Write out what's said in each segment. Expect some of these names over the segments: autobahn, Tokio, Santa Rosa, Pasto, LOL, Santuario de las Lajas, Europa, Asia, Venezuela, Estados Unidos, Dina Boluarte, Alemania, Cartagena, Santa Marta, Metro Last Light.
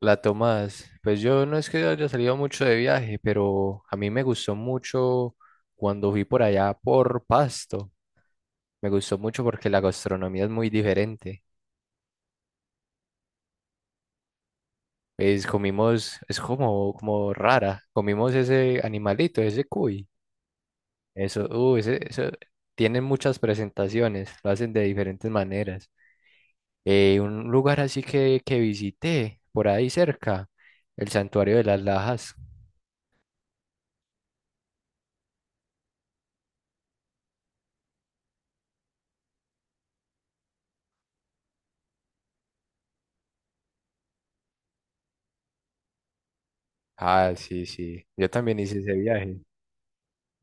La Tomás, pues yo no es que haya salido mucho de viaje, pero a mí me gustó mucho cuando fui por allá por Pasto. Me gustó mucho porque la gastronomía es muy diferente. Pues comimos, es como, como rara. Comimos ese animalito, ese cuy. Eso, ese, eso, tienen muchas presentaciones, lo hacen de diferentes maneras. Un lugar así que visité por ahí cerca, el Santuario de las Lajas. Ah, sí, sí, yo también hice ese viaje.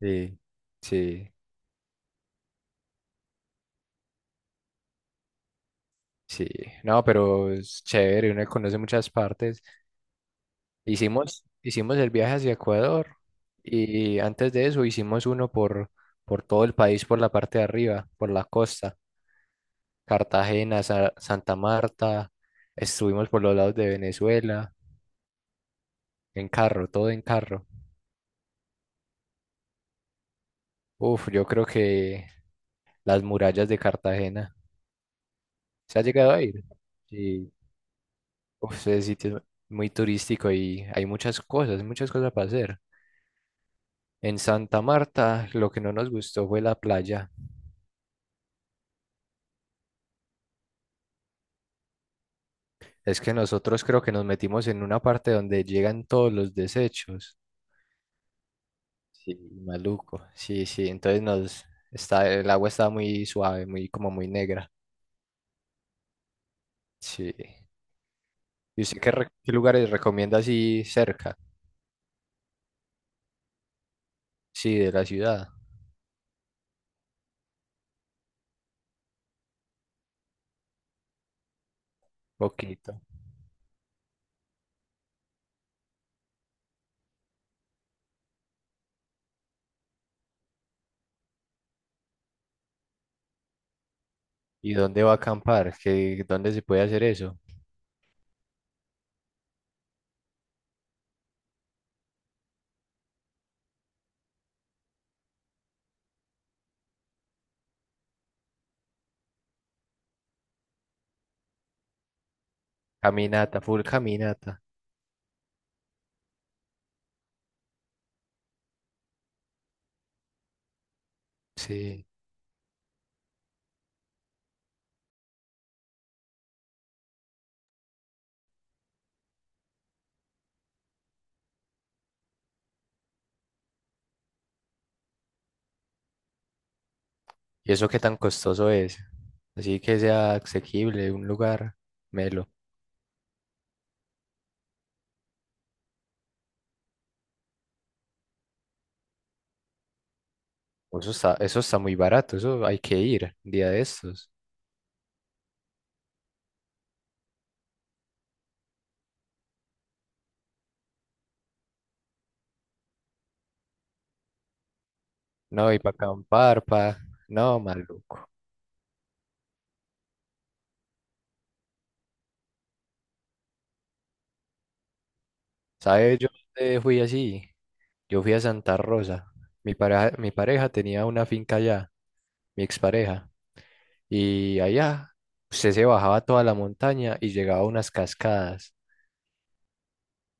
Sí, sí, sí. No, pero es chévere, uno conoce muchas partes. Hicimos el viaje hacia Ecuador y antes de eso hicimos uno por todo el país, por la parte de arriba, por la costa. Cartagena, Santa Marta, estuvimos por los lados de Venezuela, en carro, todo en carro. Uf, yo creo que las murallas de Cartagena. ¿Se ha llegado a ir? Sí. Uf, ese sitio es muy turístico y hay muchas cosas para hacer. En Santa Marta, lo que no nos gustó fue la playa. Es que nosotros creo que nos metimos en una parte donde llegan todos los desechos. Sí, maluco. Sí, sí. Entonces el agua estaba muy suave, muy como muy negra. Sí. ¿Y usted qué, qué lugares recomienda así cerca? Sí, de la ciudad. Poquito. ¿Y dónde va a acampar? ¿Qué, dónde se puede hacer eso? Caminata, full caminata. Sí. ¿Y eso qué tan costoso es? Así que sea asequible un lugar. Melo. Oh, eso está, eso está muy barato, eso hay que ir un día de estos. No, y para acampar, no, maluco. ¿Sabes? Yo fui así. Yo fui a Santa Rosa. Mi pareja tenía una finca allá, mi expareja. Y allá usted se bajaba toda la montaña y llegaba a unas cascadas.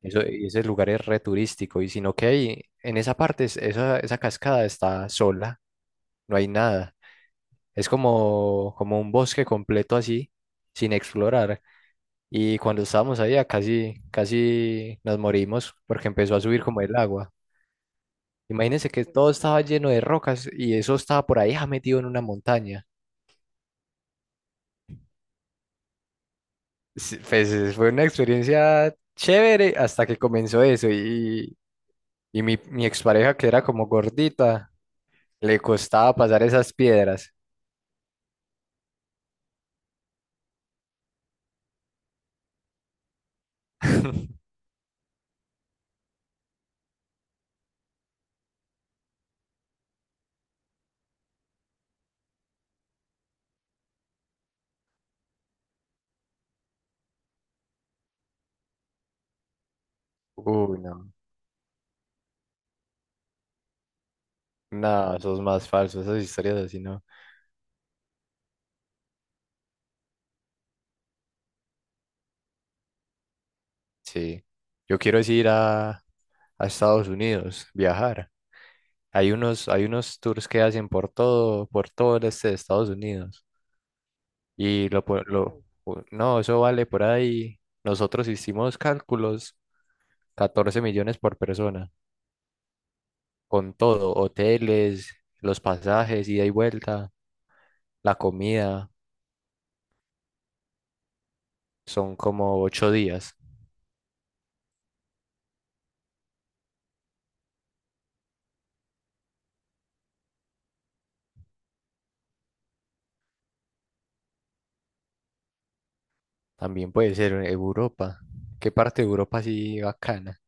Eso, y ese lugar es re turístico. Y sino que ahí, en esa parte, esa cascada está sola, no hay nada. Es como, como un bosque completo así, sin explorar. Y cuando estábamos allá casi, casi nos morimos porque empezó a subir como el agua. Imagínense que todo estaba lleno de rocas y eso estaba por ahí metido en una montaña. Sí, pues fue una experiencia chévere hasta que comenzó eso y mi expareja que era como gordita, le costaba pasar esas piedras. Uy, no, no, eso es más falso, esas historias así no. Sí, yo quiero es ir a Estados Unidos, viajar. Hay unos tours que hacen por todo el este de Estados Unidos. Y wow. No, eso vale por ahí. Nosotros hicimos cálculos, 14 millones por persona, con todo, hoteles, los pasajes, ida y vuelta, la comida, son como 8 días. También puede ser en Europa. ¿Qué parte de Europa sí bacana?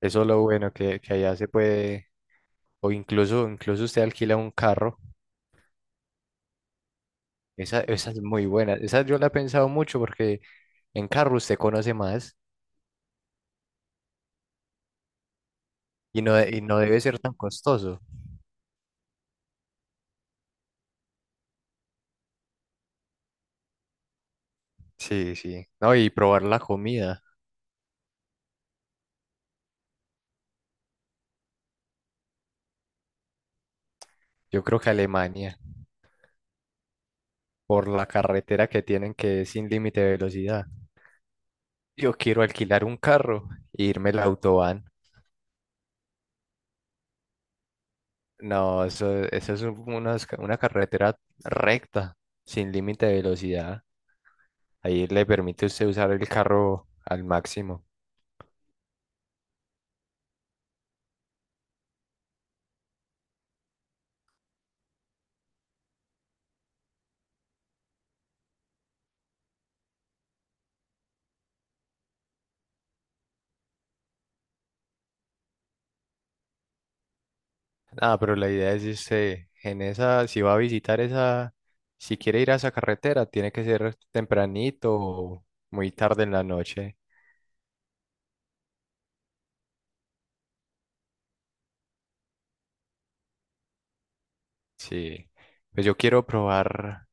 Eso es lo bueno que allá se puede, o incluso usted alquila un carro. Esa es muy buena. Esa yo la he pensado mucho porque en carro usted conoce más y no, y no debe ser tan costoso. Sí, sí. No, y probar la comida. Yo creo que Alemania, por la carretera que tienen que es sin límite de velocidad. Yo quiero alquilar un carro e irme al autobahn. No, eso es una, una carretera recta, sin límite de velocidad. Ahí le permite usted usar el carro al máximo. Ah, pero la idea es, este, en esa, si va a visitar esa, si quiere ir a esa carretera, tiene que ser tempranito o muy tarde en la noche. Sí, pues yo quiero probar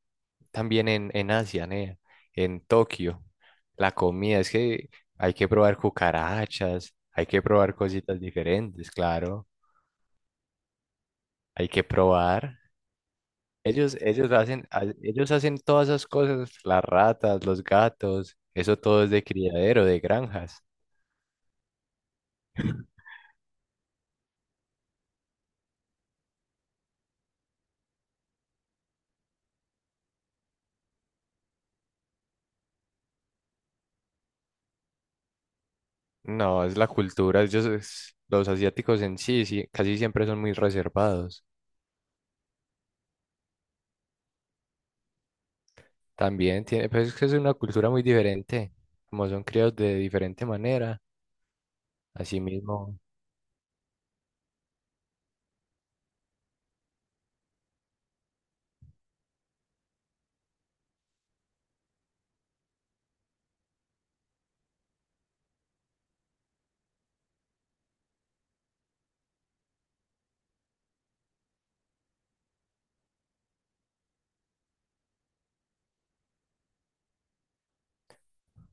también en Asia, ¿ne? En Tokio, la comida, es que hay que probar cucarachas, hay que probar cositas diferentes, claro, hay que probar. Ellos hacen todas esas cosas, las ratas, los gatos, eso todo es de criadero, de granjas. No, es la cultura. Ellos, los asiáticos en sí, sí, casi siempre son muy reservados. También tiene, pues es que es una cultura muy diferente. Como son criados de diferente manera, así mismo.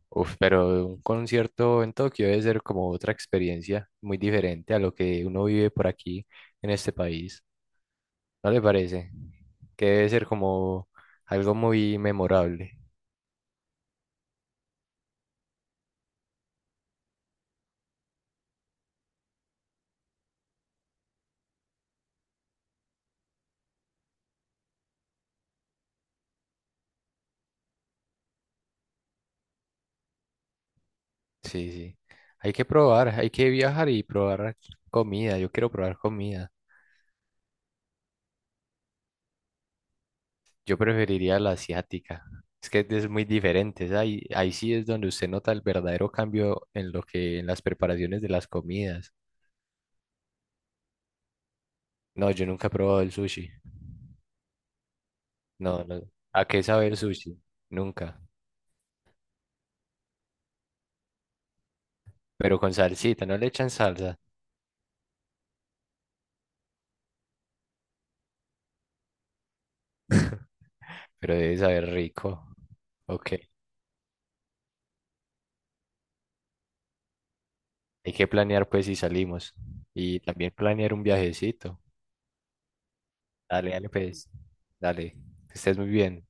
Uf, pero un concierto en Tokio debe ser como otra experiencia muy diferente a lo que uno vive por aquí en este país. ¿No le parece? Que debe ser como algo muy memorable. Sí, sí. Hay que probar, hay que viajar y probar comida. Yo quiero probar comida. Yo preferiría la asiática. Es que es muy diferente. Es Ahí, ahí sí es donde usted nota el verdadero cambio en lo que, en las preparaciones de las comidas. No, yo nunca he probado el sushi. No, no. ¿A qué sabe el sushi? Nunca. Pero con salsita, no le echan salsa, pero debe saber rico. Ok. Hay que planear pues si salimos. Y también planear un viajecito. Dale, dale pues. Dale. Que estés muy bien.